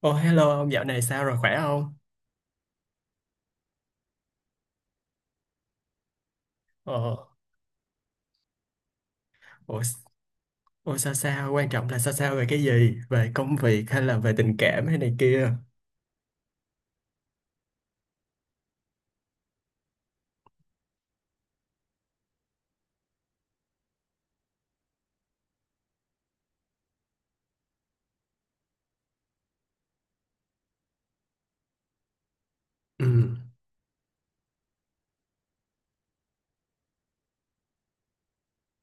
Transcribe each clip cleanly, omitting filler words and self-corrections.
Ồ hello ông dạo này sao rồi khỏe không? Ồ, ồ, s- ồ sao sao quan trọng là sao sao về cái gì? Về công việc hay là về tình cảm hay này kia? Ừ.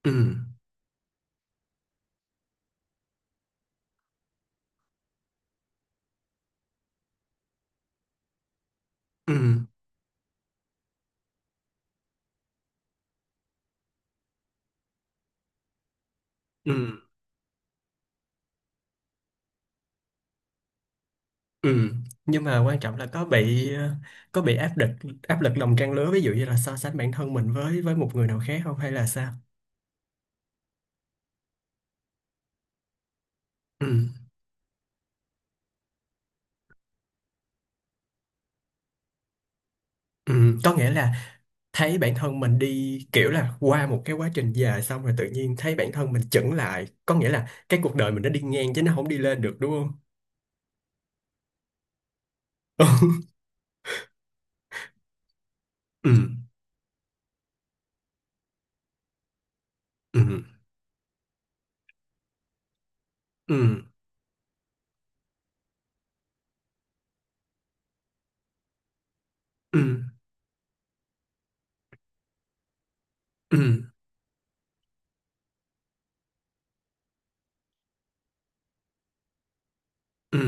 Ừ. Ừ. Ừ. Ừ. Nhưng mà quan trọng là có bị áp lực lòng trang lứa ví dụ như là so sánh bản thân mình với một người nào khác không hay là sao? Ừ. Ừ. Có nghĩa là thấy bản thân mình đi kiểu là qua một cái quá trình dài xong rồi tự nhiên thấy bản thân mình chững lại, có nghĩa là cái cuộc đời mình nó đi ngang chứ nó không đi lên được đúng không? Ừ. Ừ. Ừ. Ừ. Ừ. Ừ.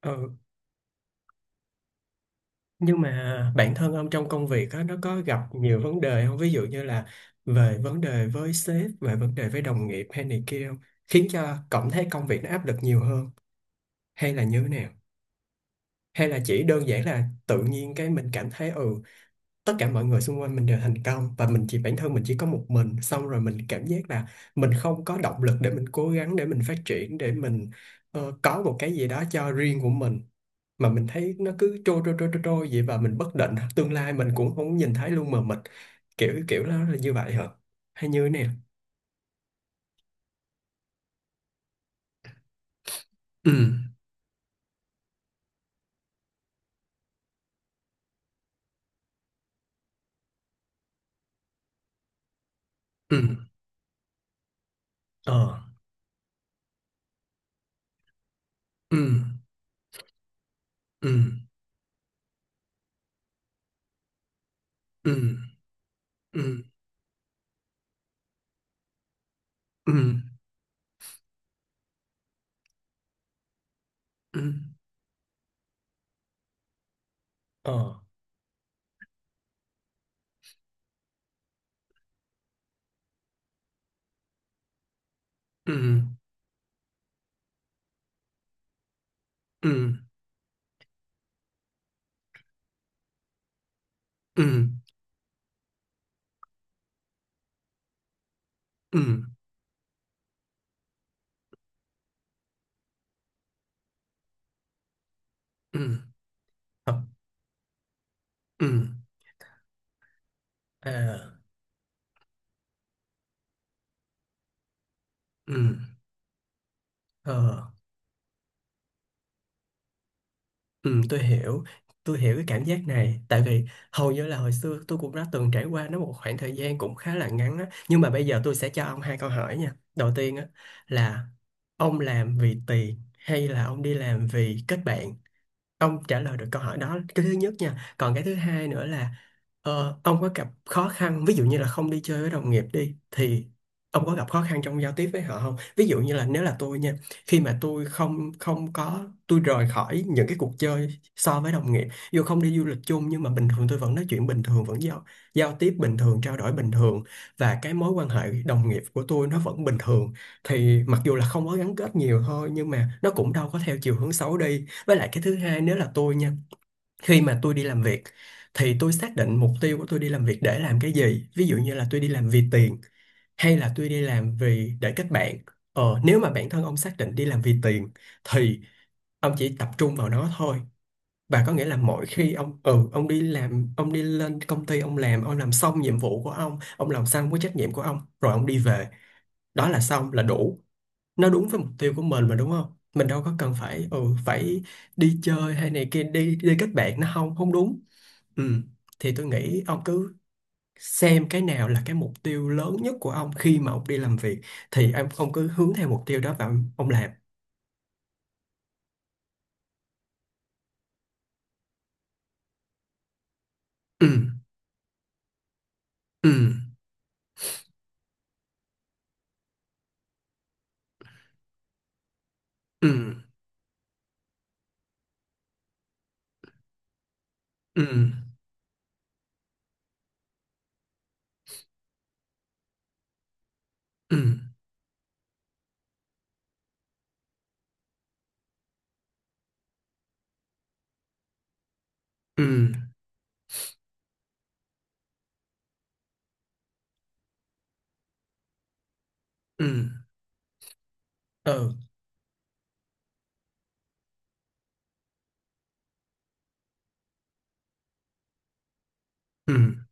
Ờ, nhưng mà bản thân ông trong công việc á, nó có gặp nhiều vấn đề không, ví dụ như là về vấn đề với sếp, về vấn đề với đồng nghiệp hay này kia không, khiến cho cảm thấy công việc nó áp lực nhiều hơn, hay là như thế nào? Hay là chỉ đơn giản là tự nhiên cái mình cảm thấy ừ tất cả mọi người xung quanh mình đều thành công và mình chỉ bản thân mình chỉ có một mình, xong rồi mình cảm giác là mình không có động lực để mình cố gắng, để mình phát triển, để mình có một cái gì đó cho riêng của mình, mà mình thấy nó cứ trôi trôi trôi trôi trôi vậy và mình bất định, tương lai mình cũng không nhìn thấy luôn, mà mình kiểu kiểu nó là như vậy hả? Hay như thế này? Ừ. Ừ. Ờ. Ừ. Ừ. Ừ. Ừ. Ừ. Ừ. Ờ. Ừ. Ừ. Ừ. Ừ. Ừ. Ừ. Thật. Ừ. À. Ừ. Ờ. Ừ. Tôi hiểu, tôi hiểu cái cảm giác này, tại vì hầu như là hồi xưa tôi cũng đã từng trải qua nó một khoảng thời gian cũng khá là ngắn á, nhưng mà bây giờ tôi sẽ cho ông hai câu hỏi nha. Đầu tiên á là ông làm vì tiền hay là ông đi làm vì kết bạn? Ông trả lời được câu hỏi đó cái thứ nhất nha, còn cái thứ hai nữa là ông có gặp khó khăn ví dụ như là không đi chơi với đồng nghiệp đi, thì ông có gặp khó khăn trong giao tiếp với họ không? Ví dụ như là nếu là tôi nha, khi mà tôi không không có, tôi rời khỏi những cái cuộc chơi so với đồng nghiệp, dù không đi du lịch chung nhưng mà bình thường tôi vẫn nói chuyện bình thường, vẫn giao giao tiếp bình thường, trao đổi bình thường, và cái mối quan hệ đồng nghiệp của tôi nó vẫn bình thường, thì mặc dù là không có gắn kết nhiều thôi nhưng mà nó cũng đâu có theo chiều hướng xấu đi. Với lại cái thứ hai nếu là tôi nha, khi mà tôi đi làm việc thì tôi xác định mục tiêu của tôi đi làm việc để làm cái gì. Ví dụ như là tôi đi làm vì tiền hay là tôi đi làm vì để kết bạn. Ờ, nếu mà bản thân ông xác định đi làm vì tiền thì ông chỉ tập trung vào nó thôi. Và có nghĩa là mỗi khi ông ừ ông đi làm, ông đi lên công ty, ông làm, ông làm xong nhiệm vụ của ông làm xong cái trách nhiệm của ông rồi ông đi về, đó là xong là đủ, nó đúng với mục tiêu của mình mà đúng không? Mình đâu có cần phải ừ phải đi chơi hay này kia đi đi kết bạn, nó không không đúng. Ừ, thì tôi nghĩ ông cứ xem cái nào là cái mục tiêu lớn nhất của ông khi mà ông đi làm việc, thì em ông cứ hướng theo mục tiêu đó và ông làm. Ừ. Ừ. Ừ. Ừ. Ừ. Ừ. Ừ. Ừ. Ừ.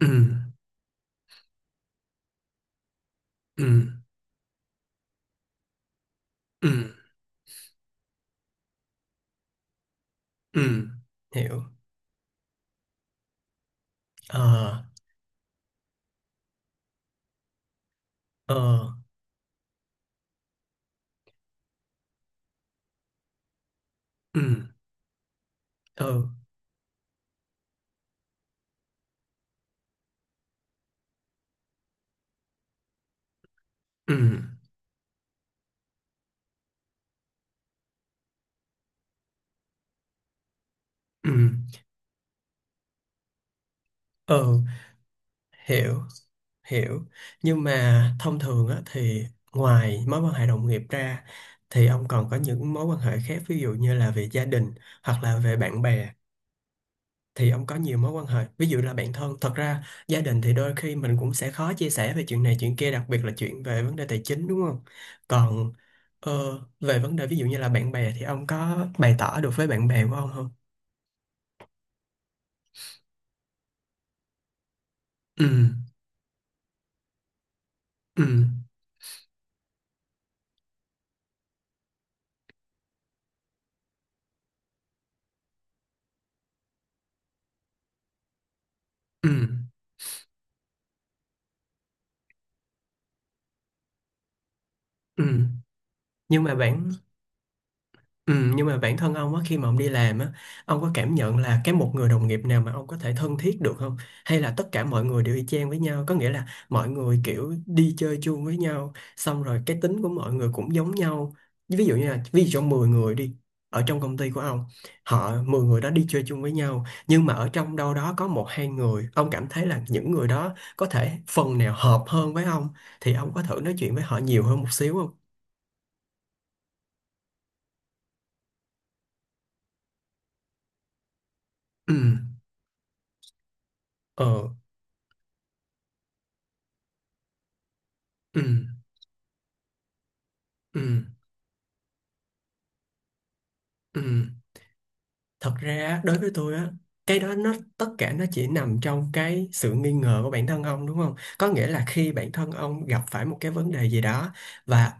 Ừ. Ừ. Ừ. Ừ. Hiểu. Ờ. Ờ. Ừ. Ừ. Ừ. Ừ. Ừ. Hiểu. Hiểu. Nhưng mà thông thường á thì ngoài mối quan hệ đồng nghiệp ra thì ông còn có những mối quan hệ khác, ví dụ như là về gia đình hoặc là về bạn bè, thì ông có nhiều mối quan hệ ví dụ là bạn thân. Thật ra gia đình thì đôi khi mình cũng sẽ khó chia sẻ về chuyện này chuyện kia, đặc biệt là chuyện về vấn đề tài chính đúng không? Còn ờ, về vấn đề ví dụ như là bạn bè thì ông có bày tỏ được với bạn bè của ông không? Ừ. Ừ. Ừ. Ừ. nhưng mà bạn Ừ, nhưng mà bản thân ông á khi mà ông đi làm á, ông có cảm nhận là cái một người đồng nghiệp nào mà ông có thể thân thiết được không? Hay là tất cả mọi người đều y chang với nhau, có nghĩa là mọi người kiểu đi chơi chung với nhau xong rồi cái tính của mọi người cũng giống nhau, ví dụ như là ví dụ trong 10 người đi ở trong công ty của ông, họ 10 người đó đi chơi chung với nhau nhưng mà ở trong đâu đó có một hai người ông cảm thấy là những người đó có thể phần nào hợp hơn với ông, thì ông có thử nói chuyện với họ nhiều hơn một xíu không? Ừ. Ờ. Ừ. Ừ. Ừ, thật ra đối với tôi á, cái đó nó tất cả nó chỉ nằm trong cái sự nghi ngờ của bản thân ông đúng không? Có nghĩa là khi bản thân ông gặp phải một cái vấn đề gì đó và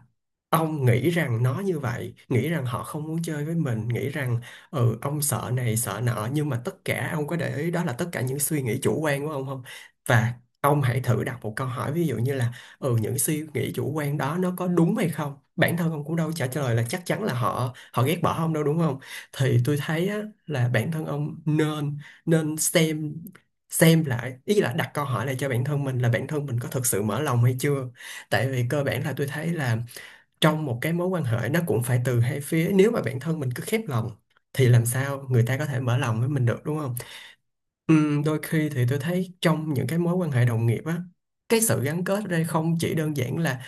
ông nghĩ rằng nó như vậy, nghĩ rằng họ không muốn chơi với mình, nghĩ rằng ừ ông sợ này sợ nọ, nhưng mà tất cả ông có để ý đó là tất cả những suy nghĩ chủ quan của ông không? Và ông hãy thử đặt một câu hỏi ví dụ như là ừ những suy nghĩ chủ quan đó nó có đúng hay không? Bản thân ông cũng đâu trả lời là chắc chắn là họ họ ghét bỏ ông đâu đúng không? Thì tôi thấy á, là bản thân ông nên nên xem lại, ý là đặt câu hỏi lại cho bản thân mình là bản thân mình có thực sự mở lòng hay chưa. Tại vì cơ bản là tôi thấy là trong một cái mối quan hệ nó cũng phải từ hai phía, nếu mà bản thân mình cứ khép lòng thì làm sao người ta có thể mở lòng với mình được đúng không? Đôi khi thì tôi thấy trong những cái mối quan hệ đồng nghiệp á, cái sự gắn kết ở đây không chỉ đơn giản là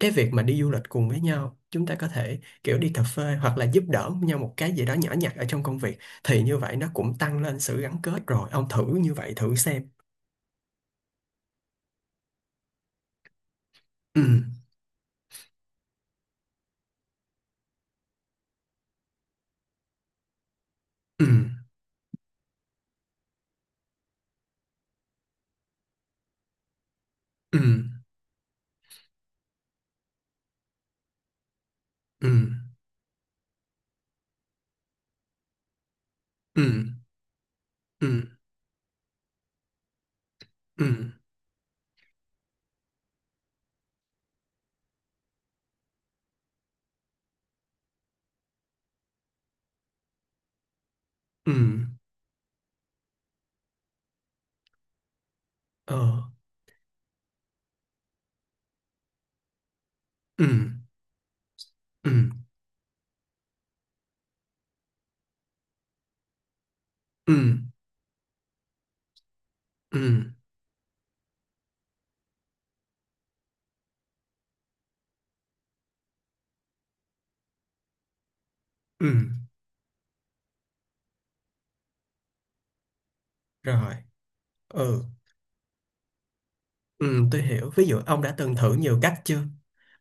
cái việc mà đi du lịch cùng với nhau, chúng ta có thể kiểu đi cà phê hoặc là giúp đỡ nhau một cái gì đó nhỏ nhặt ở trong công việc, thì như vậy nó cũng tăng lên sự gắn kết rồi, ông thử như vậy thử xem. Ừ. Ừ. Ừ. Ừ. Ừ. Ừ. Ừ. Ừ. Ờ. Ừ. Ừ. Ừ. Ừ. Ừ. Rồi. Ừ. Ừ, tôi hiểu. Ví dụ ông đã từng thử nhiều cách chưa?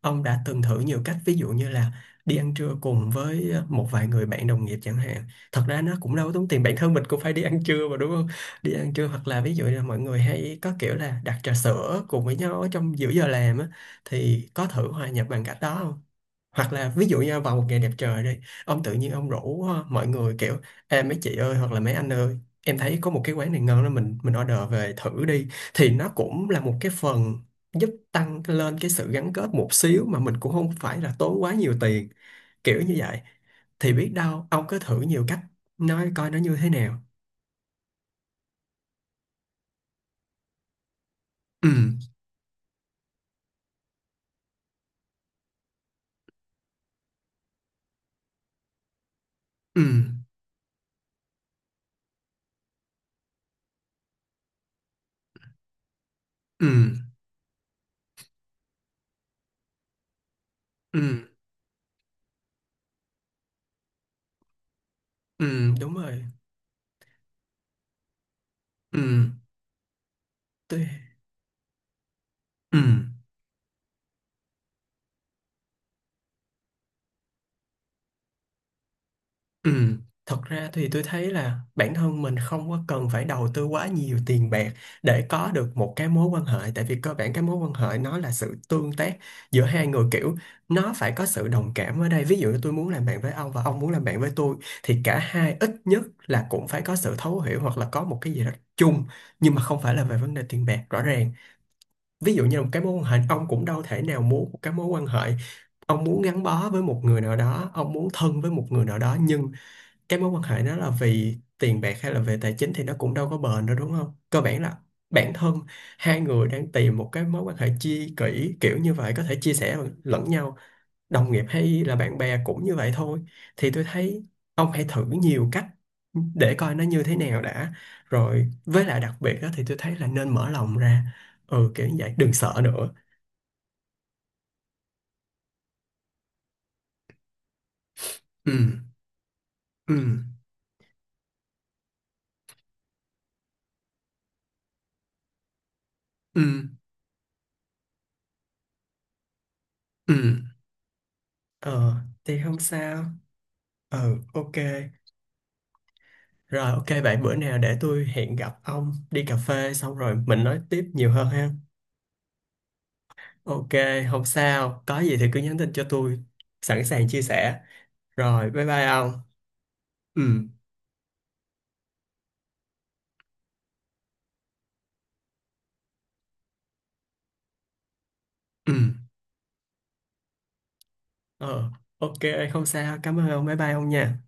Ông đã từng thử nhiều cách ví dụ như là đi ăn trưa cùng với một vài người bạn đồng nghiệp chẳng hạn. Thật ra nó cũng đâu có tốn tiền, bản thân mình cũng phải đi ăn trưa mà đúng không? Đi ăn trưa hoặc là ví dụ là mọi người hay có kiểu là đặt trà sữa cùng với nhau ở trong giữa giờ làm á, thì có thử hòa nhập bằng cách đó không? Hoặc là ví dụ như vào một ngày đẹp trời đi, ông tự nhiên ông rủ mọi người kiểu em mấy chị ơi hoặc là mấy anh ơi em thấy có một cái quán này ngon đó, mình order về thử đi, thì nó cũng là một cái phần giúp tăng lên cái sự gắn kết một xíu mà mình cũng không phải là tốn quá nhiều tiền, kiểu như vậy, thì biết đâu ông cứ thử nhiều cách, nói coi nó như thế nào. Ừ. Ừ. Ừ. Ừ. Ừ. Đúng rồi. Ừ. Tôi. Ừ. Ừ, thật ra thì tôi thấy là bản thân mình không có cần phải đầu tư quá nhiều tiền bạc để có được một cái mối quan hệ, tại vì cơ bản cái mối quan hệ nó là sự tương tác giữa hai người, kiểu nó phải có sự đồng cảm ở đây, ví dụ như tôi muốn làm bạn với ông và ông muốn làm bạn với tôi thì cả hai ít nhất là cũng phải có sự thấu hiểu hoặc là có một cái gì đó chung, nhưng mà không phải là về vấn đề tiền bạc rõ ràng. Ví dụ như là một cái mối quan hệ, ông cũng đâu thể nào muốn một cái mối quan hệ, ông muốn gắn bó với một người nào đó, ông muốn thân với một người nào đó nhưng cái mối quan hệ nó là vì tiền bạc hay là về tài chính thì nó cũng đâu có bền đâu đúng không? Cơ bản là bản thân hai người đang tìm một cái mối quan hệ chi kỷ kiểu như vậy có thể chia sẻ lẫn nhau, đồng nghiệp hay là bạn bè cũng như vậy thôi. Thì tôi thấy ông hãy thử nhiều cách để coi nó như thế nào đã. Rồi với lại đặc biệt đó thì tôi thấy là nên mở lòng ra. Ừ kiểu như vậy, đừng sợ nữa. Ừ. Ừ. Ừ. Ừ. Ờ, thì không sao. Ừ, ok. Rồi, ok bạn, bữa nào để tôi hẹn gặp ông đi cà phê xong rồi mình nói tiếp nhiều hơn ha. Ok, không sao, có gì thì cứ nhắn tin cho tôi, sẵn sàng chia sẻ. Rồi bye bye ông. Ừ. Ừ. Ờ. Ok, không sao, cảm ơn ông, bye bye ông nha.